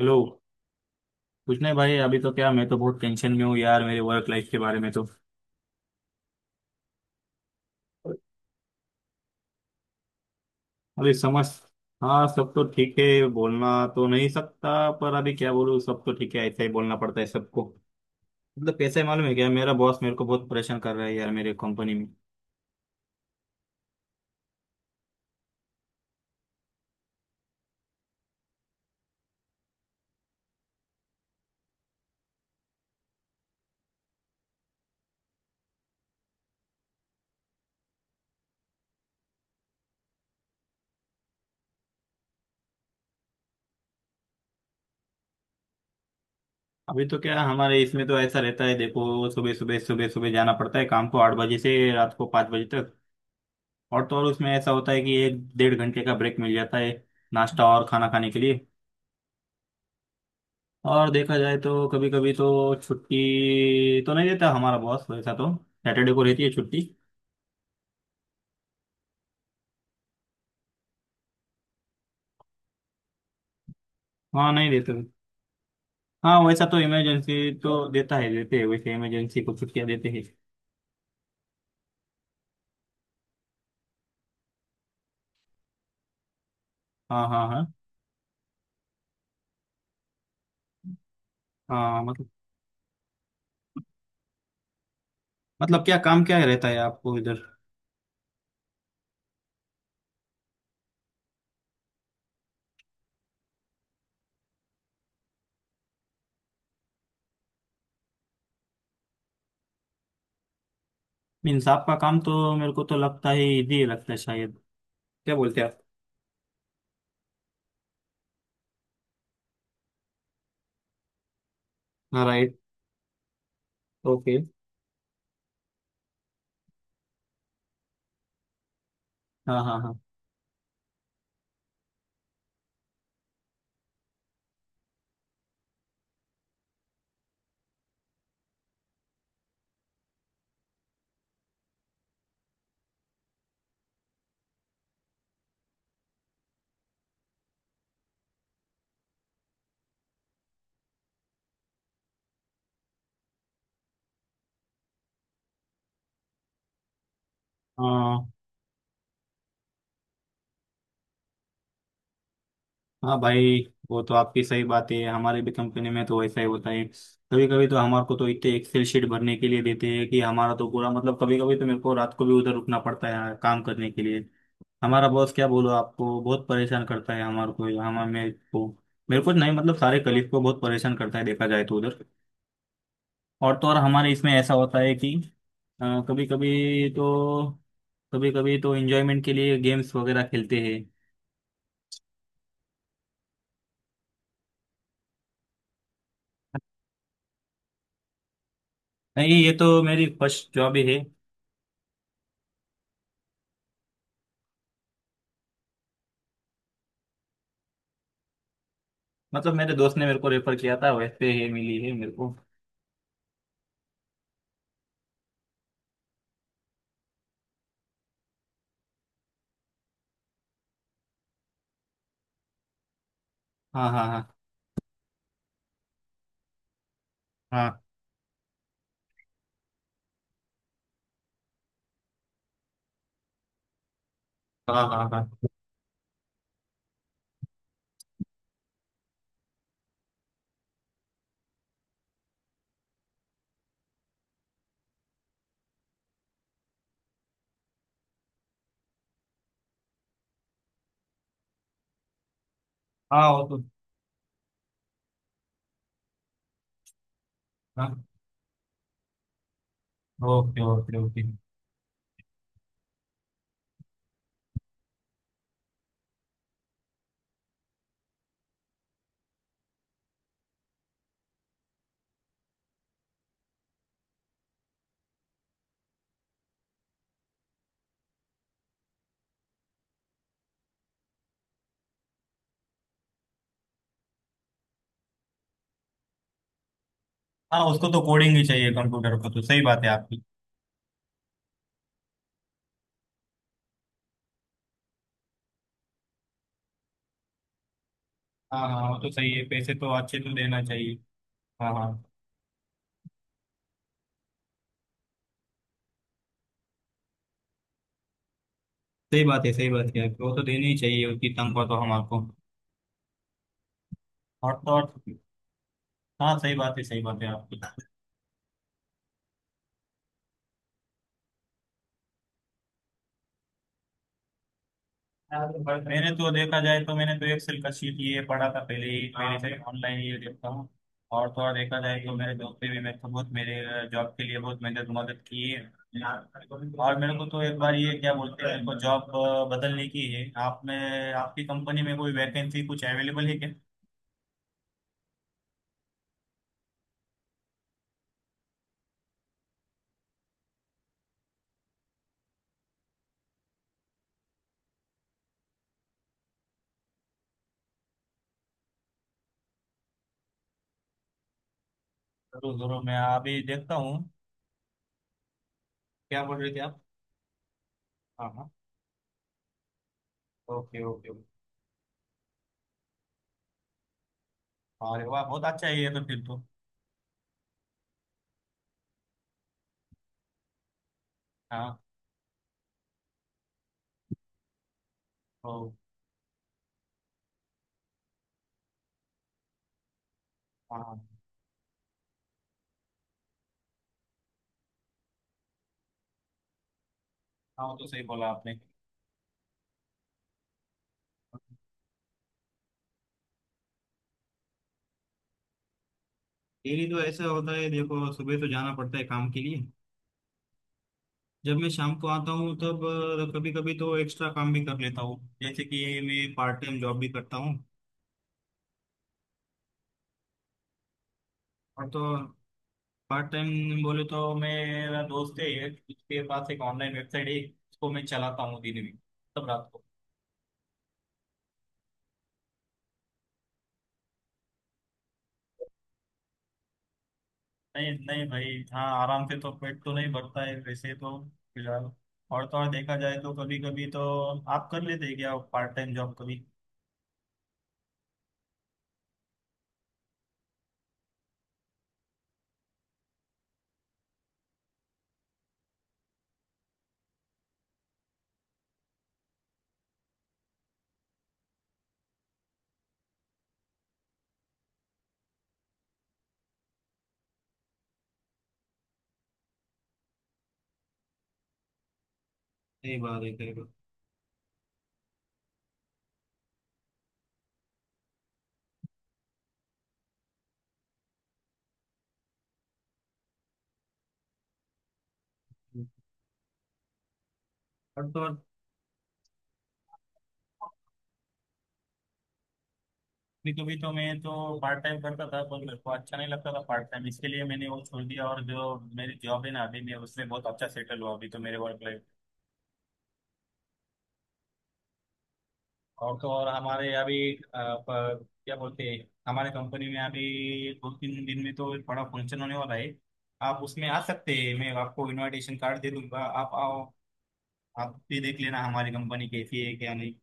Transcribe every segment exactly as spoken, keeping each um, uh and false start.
Hello. कुछ नहीं भाई, अभी तो क्या, मैं तो बहुत टेंशन में हूँ यार, मेरे वर्क लाइफ के बारे में तो। अभी समझ हाँ, सब तो ठीक है। बोलना तो नहीं सकता, पर अभी क्या बोलूँ? सब तो ठीक है, ऐसा ही बोलना पड़ता है सबको। मतलब कैसा है मालूम है क्या, मेरा बॉस मेरे को बहुत परेशान कर रहा है यार, मेरे कंपनी में। अभी तो क्या, हमारे इसमें तो ऐसा रहता है, देखो सुबह सुबह सुबह सुबह जाना पड़ता है काम को, आठ बजे से रात को पाँच बजे तक। और तो और, उसमें ऐसा होता है कि एक डेढ़ घंटे का ब्रेक मिल जाता है नाश्ता और खाना खाने के लिए। और देखा जाए तो कभी कभी तो छुट्टी तो नहीं देता हमारा बॉस, वैसा तो सैटरडे को रहती है छुट्टी। हाँ नहीं देते। हाँ, वैसा तो इमरजेंसी तो देता है देते हैं, वैसे इमरजेंसी को छुट्टियाँ देते हैं। हाँ हाँ हाँ हाँ। मतलब मतलब क्या काम, क्या रहता है आपको इधर? मीन्स आपका काम तो, मेरे को तो लगता है इजी लगता है शायद। क्या बोलते हैं आप? हाँ राइट। ओके हाँ, right, okay, हाँ हाँ हाँ। हाँ भाई, वो तो आपकी सही बात है। हमारे भी कंपनी में तो वैसा ही होता है, कभी कभी तो हमारे को तो इतने एक्सेल शीट भरने के लिए देते हैं कि हमारा तो पूरा, मतलब कभी कभी तो मेरे को रात को भी उधर रुकना पड़ता है काम करने के लिए। हमारा बॉस क्या बोलो, आपको बहुत परेशान करता है, हमारे को हमारे मेरे को। मेरे को नहीं, मतलब सारे कलीग को बहुत परेशान करता है देखा जाए तो उधर। और तो और, हमारे इसमें ऐसा होता है कि कभी कभी तो कभी कभी तो एंजॉयमेंट के लिए गेम्स वगैरह खेलते हैं। नहीं, ये तो मेरी फर्स्ट जॉब ही है। मतलब, मेरे दोस्त ने मेरे को रेफर किया था वैसे, ये मिली है मेरे को। हाँ हाँ हाँ हाँ। हाँ हाँ हाँ। हाँ वो तो हाँ। Okay okay okay. हाँ, उसको तो कोडिंग ही चाहिए कंप्यूटर को तो, सही बात है आपकी। हाँ हाँ, वो तो सही है, पैसे तो अच्छे तो देना चाहिए। हाँ हाँ। सही बात है, सही बात है आपकी, वो तो देनी ही चाहिए उतनी तनख्वाह तो हम आपको। और तो और। हाँ, सही बात है, सही बात है आपकी। मैंने तो देखा जाए तो, मैंने तो एक्सेल का शीट ये पढ़ा था पहले ही, पहले से ऑनलाइन ये देखता हूँ। और थोड़ा देखा जाए तो मेरे दोस्त ने भी मेरे को बहुत, मेरे जॉब के लिए बहुत मेहनत, मदद की है। और मेरे को तो एक बार ये क्या बोलते हैं, मेरे को जॉब बदलने की है। आप में, आपकी कंपनी में कोई वैकेंसी कुछ अवेलेबल है क्या? जरूर जरूर, मैं अभी देखता हूँ। क्या बोल रहे थे आप? हाँ हाँ। Okay okay. अरे वाह, बहुत अच्छा है ये तो, फिर तो। हाँ। ओ। हाँ। हाँ वो तो सही बोला आपने। डेली तो ऐसा होता है, देखो सुबह तो जाना पड़ता है काम के लिए। जब मैं शाम को आता हूँ तब कभी कभी तो एक्स्ट्रा काम भी कर लेता हूँ, जैसे कि मैं पार्ट टाइम जॉब भी करता हूँ। और तो पार्ट टाइम बोले तो मेरा दोस्त है एक, उसके पास एक ऑनलाइन वेबसाइट है, उसको मैं चलाता हूँ दिन में, तब रात को। नहीं नहीं भाई, हाँ, आराम से तो पेट तो नहीं भरता है वैसे तो। फिलहाल। और तो और देखा जाए तो कभी कभी तो, आप कर लेते हैं क्या पार्ट टाइम जॉब कभी? सही बात है, सही बात है। और तो और। नहीं, कभी तो मैं तो पार्ट टाइम करता था, पर मेरे को अच्छा नहीं लगता था पार्ट टाइम, इसके लिए मैंने वो छोड़ दिया। और जो मेरी जॉब है ना अभी, मैं उसमें बहुत अच्छा सेटल हुआ अभी तो, मेरे वर्क लाइफ। और तो और हमारे अभी अ, प- क्या बोलते हैं, हमारे कंपनी में अभी दो तीन दिन में तो बड़ा फंक्शन होने वाला है। आप उसमें आ सकते हैं, मैं आपको इनविटेशन कार्ड दे दूंगा, आप आओ। आप भी देख लेना हमारी कंपनी कैसी है क्या नहीं।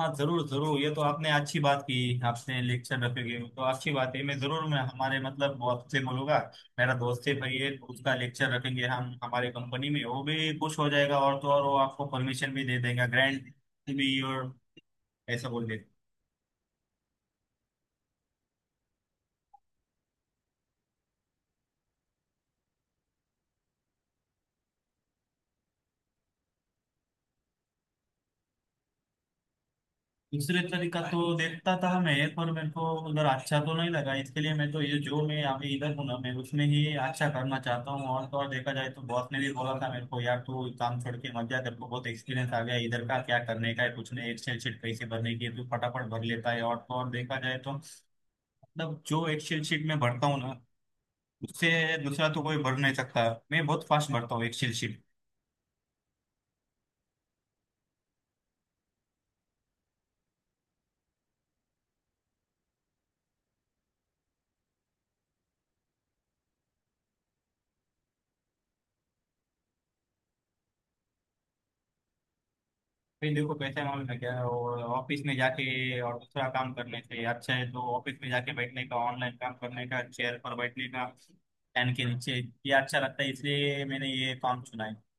हाँ जरूर जरूर, ये तो आपने अच्छी बात की, आपने लेक्चर रखोगे तो अच्छी बात है, मैं जरूर, मैं हमारे मतलब बॉस से बोलूंगा। मेरा दोस्त है, भाई है तो, उसका लेक्चर रखेंगे हम हमारे कंपनी में, वो भी खुश हो जाएगा। और तो और वो आपको परमिशन भी दे देगा, ग्रैंड भी, और ऐसा बोल देगा। दूसरे तरीका तो देखता था मैं, पर मेरे को उधर अच्छा तो नहीं लगा, इसके लिए मैं तो ये जो मैं अभी इधर हूँ ना, मैं उसमें ही अच्छा करना चाहता हूँ। और तो और देखा जाए तो बॉस ने भी बोला था मेरे को, यार तू काम छोड़ के मत जा, तेरे को बहुत एक्सपीरियंस आ गया इधर का, क्या करने का है कुछ नहीं, एक्सेल शीट कैसे भरने की है तू फटाफट भर लेता है। और तो और देखा जाए तो, मतलब जो एक्सेल शीट में भरता हूँ ना, उससे दूसरा तो कोई भर नहीं सकता। मैं बहुत फास्ट भरता हूँ एक्सेल शीट। भाई देखो कैसा है मालूम है क्या, और ऑफिस में जाके और दूसरा काम करने से अच्छा है तो ऑफिस में जाके बैठने का, ऑनलाइन काम करने का, चेयर पर बैठने का, फैन के नीचे, ये अच्छा लगता है, इसलिए मैंने ये काम चुना है।